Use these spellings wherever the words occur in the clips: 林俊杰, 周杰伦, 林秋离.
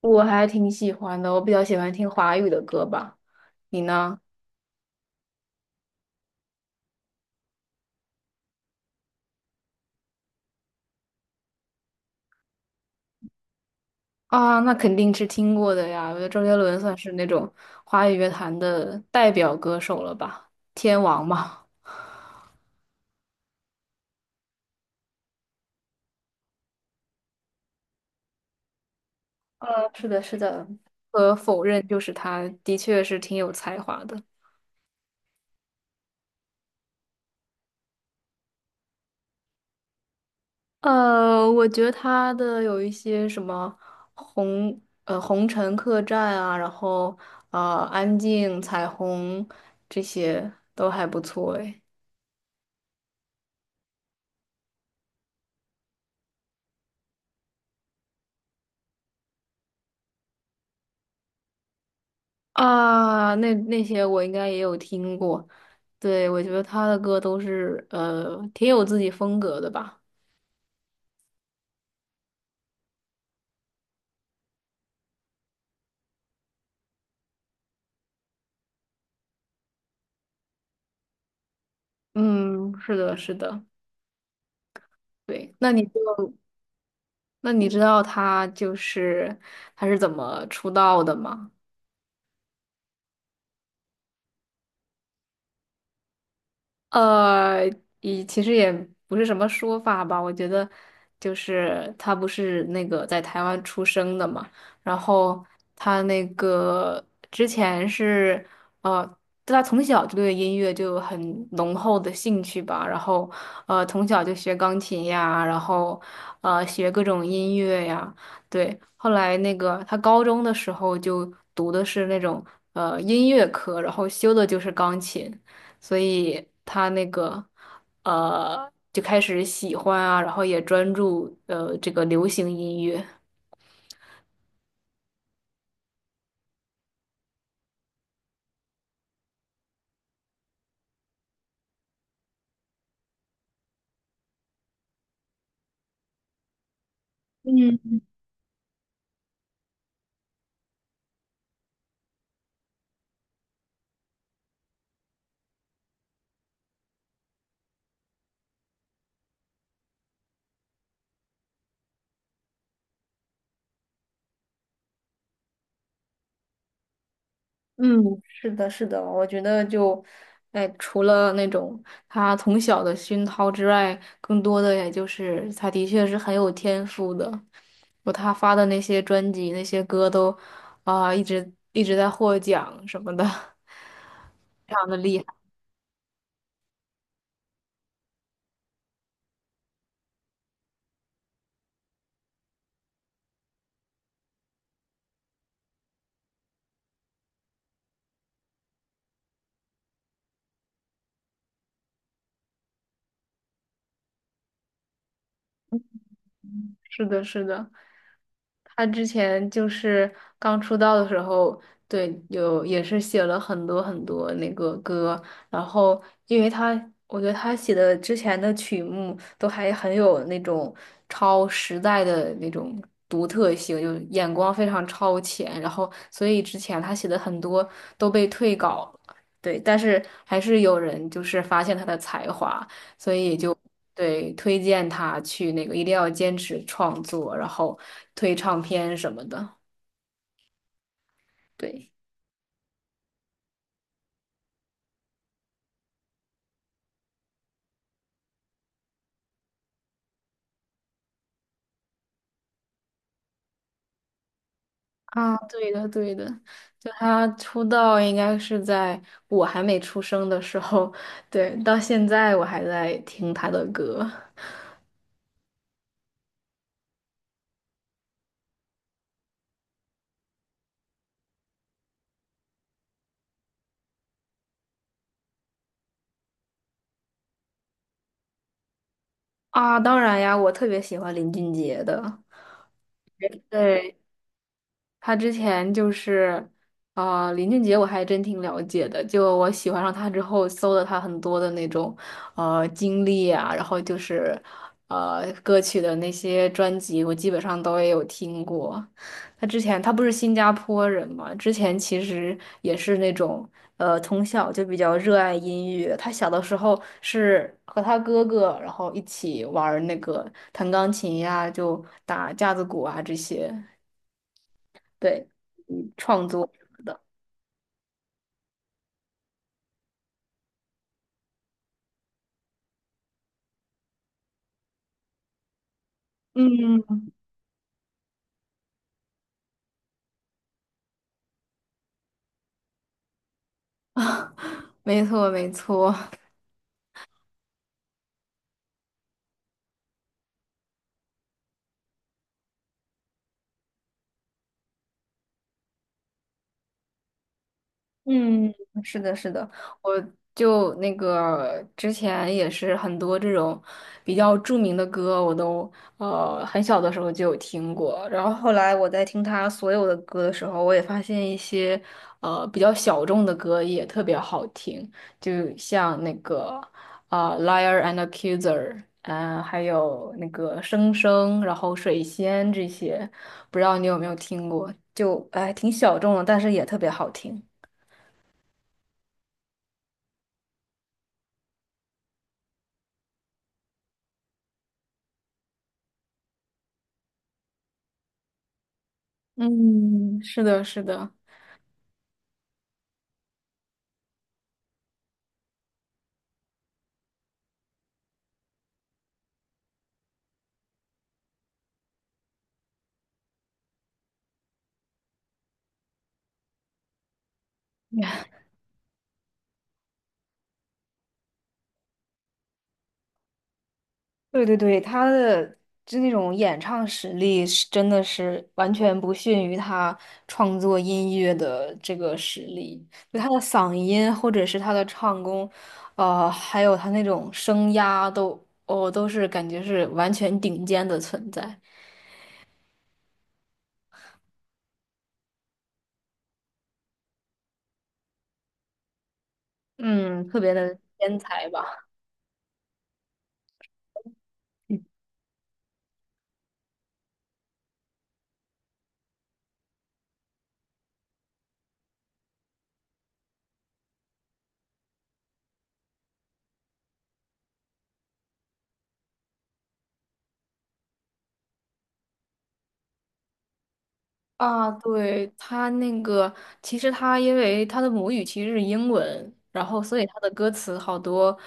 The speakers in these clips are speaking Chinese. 我还挺喜欢的，我比较喜欢听华语的歌吧。你呢？啊，那肯定是听过的呀。我觉得周杰伦算是那种华语乐坛的代表歌手了吧，天王嘛。是的，是的。不可否认，就是他的确是挺有才华的。我觉得他的有一些什么红红尘客栈啊，然后安静彩虹，这些都还不错诶。啊，那那些我应该也有听过，对，我觉得他的歌都是挺有自己风格的吧。嗯，是的，是的，对。那你知道他他是怎么出道的吗？呃，也其实不是什么说法吧，我觉得就是他不是那个在台湾出生的嘛，然后他那个之前是，呃，他从小就对音乐就很浓厚的兴趣吧，然后从小就学钢琴呀，然后学各种音乐呀。对，后来那个他高中的时候就读的是那种音乐科，然后修的就是钢琴。所以他那个就开始喜欢啊，然后也专注这个流行音乐。嗯，是的，是的，我觉得就，哎，除了那种他从小的熏陶之外，更多的也就是他的确是很有天赋的。我他发的那些专辑、那些歌都啊、一直在获奖什么的，非常的厉害。是的，是的。他之前就是刚出道的时候，对，有也是写了很多很多那个歌。然后因为他，我觉得他写的之前的曲目都还很有那种超时代的那种独特性，就眼光非常超前，然后所以之前他写的很多都被退稿了。对，但是还是有人就是发现他的才华，所以就。对，推荐他去那个，一定要坚持创作，然后推唱片什么的。对，啊，对的，对的。就他出道应该是在我还没出生的时候，对，到现在我还在听他的歌。啊，当然呀，我特别喜欢林俊杰的。对，他之前就是，林俊杰我还真挺了解的。就我喜欢上他之后，搜了他很多的那种，经历啊，然后就是，歌曲的那些专辑，我基本上都也有听过。他之前他不是新加坡人嘛，之前其实也是那种，从小就比较热爱音乐。他小的时候是和他哥哥，然后一起玩儿那个弹钢琴呀，就打架子鼓啊这些。对，嗯，创作什么的。嗯，没错没错。嗯，是的，是的，我就那个之前也是很多这种比较著名的歌，我都很小的时候就有听过。然后后来我在听他所有的歌的时候，我也发现一些比较小众的歌也特别好听，就像那个啊、Liar and Accuser》，嗯，还有那个《生生》，然后《水仙》这些，不知道你有没有听过？就哎挺小众的，但是也特别好听。嗯，是的，是的。对对对，他的就那种演唱实力是真的是完全不逊于他创作音乐的这个实力，就他的嗓音或者是他的唱功，还有他那种声压都，哦，都是感觉是完全顶尖的存在，嗯，特别的天才吧。啊，对，他那个，其实他因为他的母语其实是英文，然后所以他的歌词好多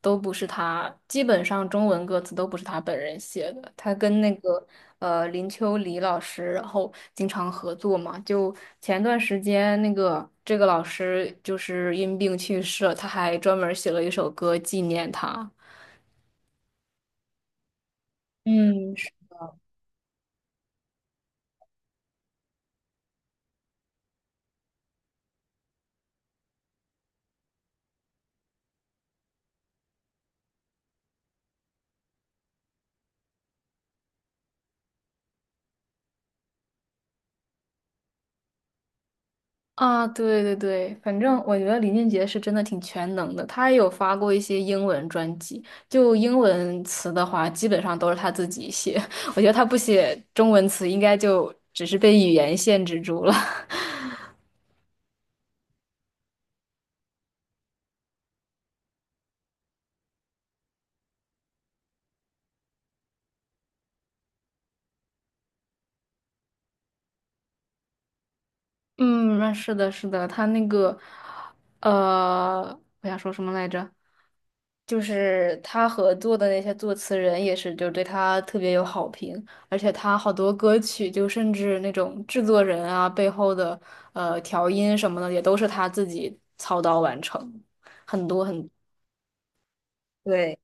都不是他，基本上中文歌词都不是他本人写的。他跟那个林秋离老师，然后经常合作嘛。就前段时间那个这个老师就是因病去世了，他还专门儿写了一首歌纪念他。嗯，啊，对对对，反正我觉得林俊杰是真的挺全能的，他也有发过一些英文专辑，就英文词的话，基本上都是他自己写。我觉得他不写中文词，应该就只是被语言限制住了。嗯，那是的，是的，他那个，呃，我想说什么来着？就是他合作的那些作词人也是，就对他特别有好评。而且他好多歌曲，就甚至那种制作人啊背后的调音什么的，也都是他自己操刀完成，很多很，对。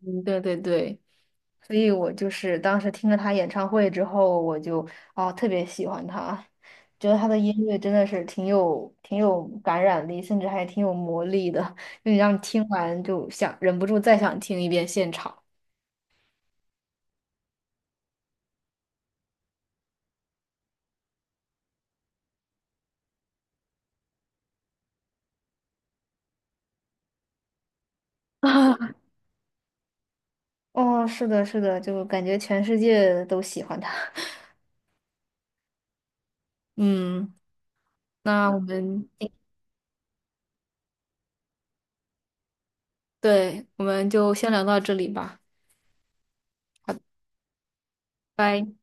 嗯，对对对，所以我就是当时听了他演唱会之后，我就啊特别喜欢他，觉得他的音乐真的是挺有挺有感染力，甚至还挺有魔力的，就你让你听完就想忍不住再想听一遍现场。啊，哦，是的，是的，就感觉全世界都喜欢他。嗯，那我们，对，我们就先聊到这里吧，拜。